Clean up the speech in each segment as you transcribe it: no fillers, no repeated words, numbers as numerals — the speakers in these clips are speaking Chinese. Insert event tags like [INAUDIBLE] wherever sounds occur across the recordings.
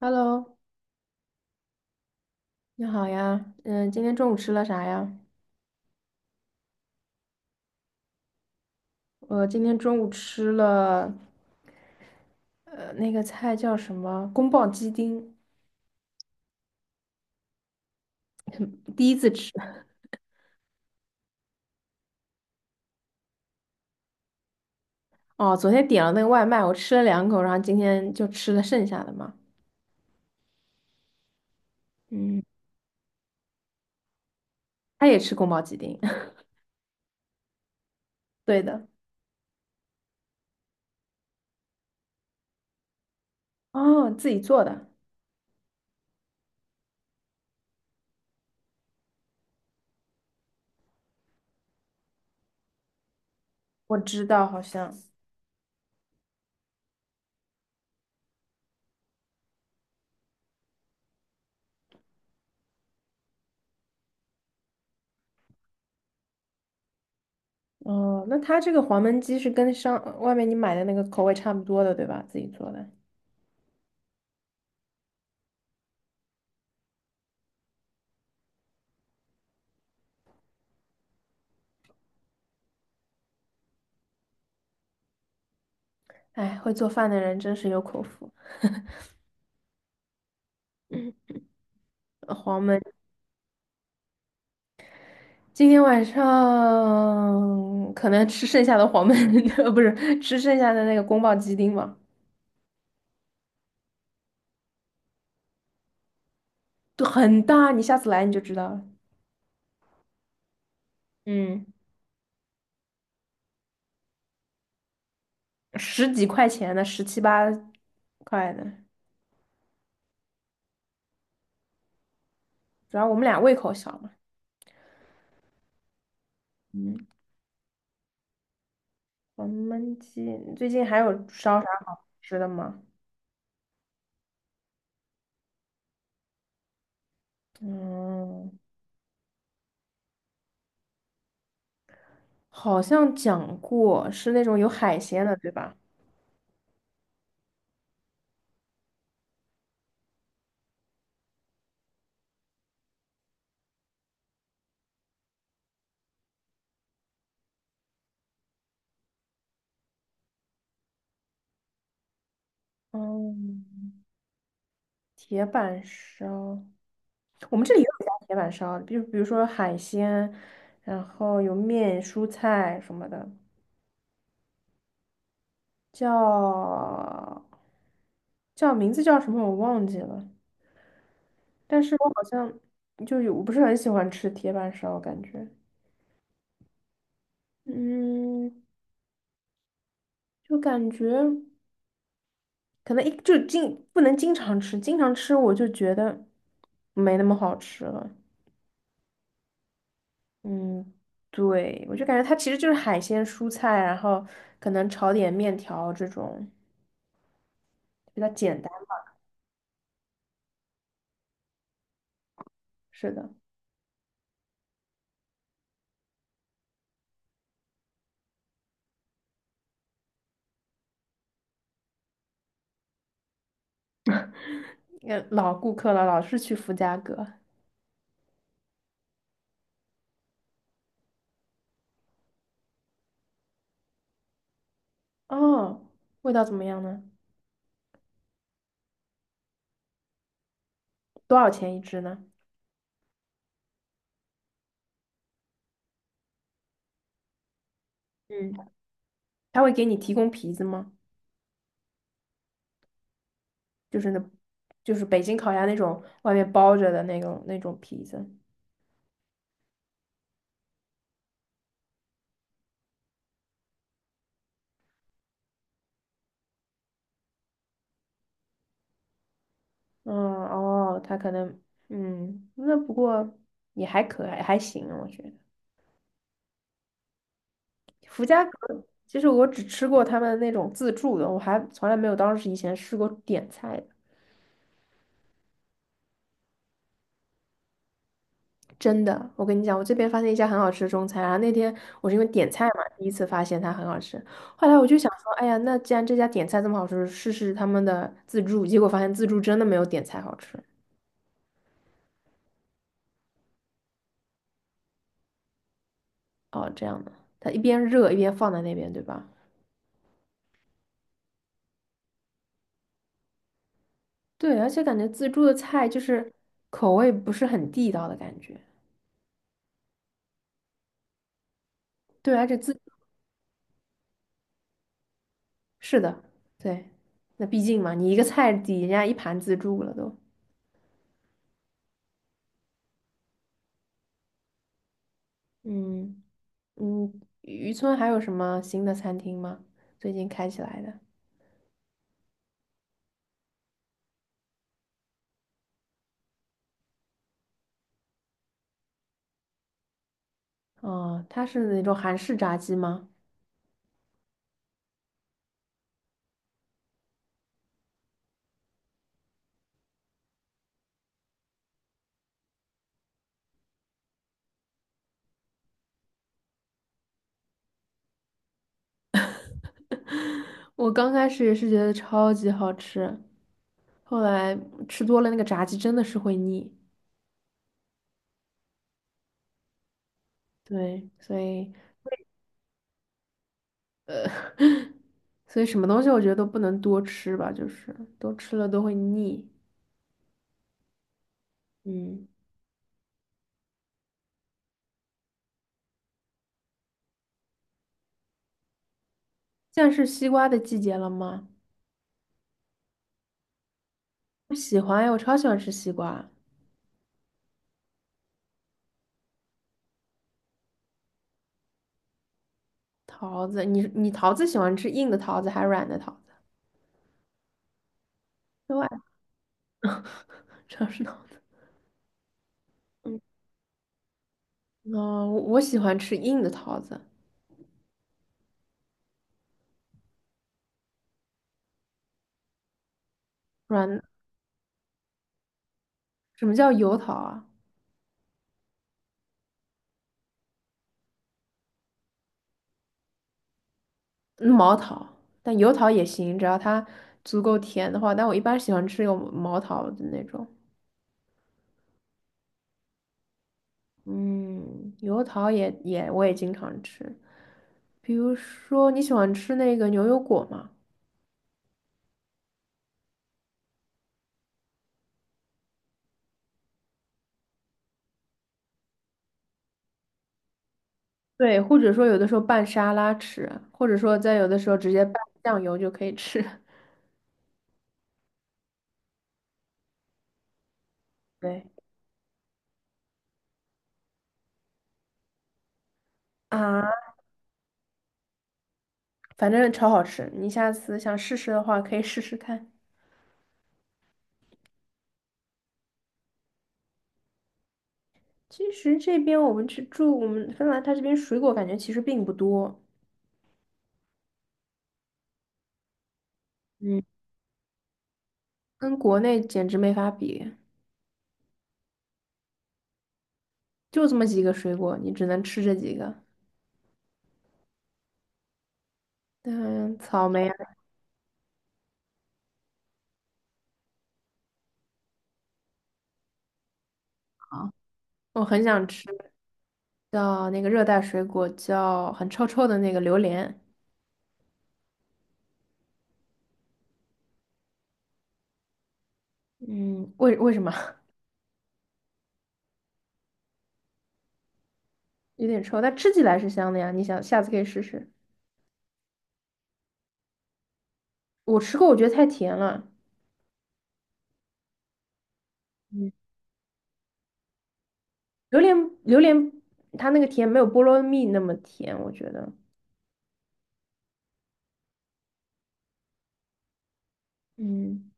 Hello，你好呀，今天中午吃了啥呀？我今天中午吃了，那个菜叫什么？宫保鸡丁，第一次吃。哦，昨天点了那个外卖，我吃了两口，然后今天就吃了剩下的嘛。嗯，他也吃宫保鸡丁，[LAUGHS] 对的。哦，自己做的，我知道，好像。哦，那他这个黄焖鸡是跟上外面你买的那个口味差不多的，对吧？自己做的。哎，会做饭的人真是有口福。黄焖。今天晚上可能吃剩下的黄焖，[LAUGHS] 呃，不是吃剩下的那个宫保鸡丁吧，对，很大，你下次来你就知道了。嗯，十几块钱的，十七八块的，主要我们俩胃口小嘛。嗯，黄焖鸡，最近还有烧啥好吃的吗？嗯，好像讲过是那种有海鲜的，对吧？嗯，铁板烧。我们这里也有加铁板烧的比如说海鲜，然后有面、蔬菜什么的，叫叫名字叫什么我忘记了，但是我好像就有我不是很喜欢吃铁板烧，感觉嗯，就感觉可能一就经不能经常吃，经常吃我就觉得没那么好吃了，嗯。对，我就感觉它其实就是海鲜、蔬菜，然后可能炒点面条这种。比较简单吧。是的，也老顾客了，老是去福家阁。哦，味道怎么样呢？多少钱一只呢？嗯，他会给你提供皮子吗？就是那，就是北京烤鸭那种外面包着的那种皮子。嗯，哦，他可能，嗯，那不过也还可爱，还行，我觉得。福家阁，其实我只吃过他们那种自助的，我还从来没有当时以前试过点菜的。真的，我跟你讲，我这边发现一家很好吃的中餐，然后那天我是因为点菜嘛，第一次发现它很好吃，后来我就想说，哎呀，那既然这家点菜这么好吃，试试他们的自助，结果发现自助真的没有点菜好吃。哦，这样的，它一边热一边放在那边，对吧？对，而且感觉自助的菜就是口味不是很地道的感觉。对，而且自，是的，对，那毕竟嘛，你一个菜抵人家一盘自助了都。嗯，嗯，渔村还有什么新的餐厅吗？最近开起来的？哦，它是那种韩式炸鸡吗？[LAUGHS] 我刚开始也是觉得超级好吃，后来吃多了那个炸鸡真的是会腻。对，所以呃，[LAUGHS] 所以什么东西我觉得都不能多吃吧，就是多吃了都会腻。嗯，现在是西瓜的季节了吗？我喜欢呀，我超喜欢吃西瓜、桃子。你桃子喜欢吃硬的桃子还是软的桃子？都城市桃子，嗯，哦，我喜欢吃硬的桃子，软，什么叫油桃啊？嗯毛桃，但油桃也行，只要它足够甜的话。但我一般喜欢吃有毛桃的那种，嗯，油桃也我也经常吃。比如说你喜欢吃那个牛油果吗？对，或者说有的时候拌沙拉吃，或者说在有的时候直接拌酱油就可以吃。[LAUGHS] 对啊，反正超好吃，你下次想试试的话可以试试看。其实这边我们去住，我们芬兰它这边水果感觉其实并不多，嗯，跟国内简直没法比，就这么几个水果，你只能吃这几个。嗯，草莓啊，我很想吃叫那个热带水果，叫很臭臭的那个榴莲。嗯，为什么 [LAUGHS] 有点臭？但吃起来是香的呀。你想下次可以试试。我吃过，我觉得太甜了。嗯榴莲榴莲它那个甜没有菠萝蜜那么甜，我觉得。嗯，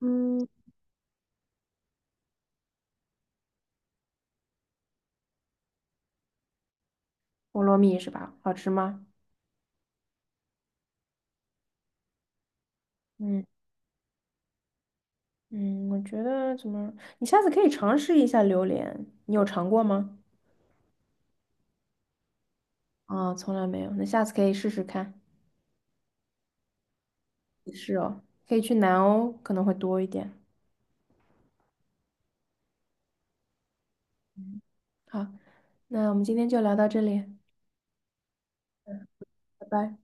嗯，菠萝蜜是吧？好吃吗？嗯嗯，我觉得怎么，你下次可以尝试一下榴莲，你有尝过吗？啊、从来没有，那下次可以试试看，可以去南欧，可能会多一点。嗯，好，那我们今天就聊到这里，拜拜。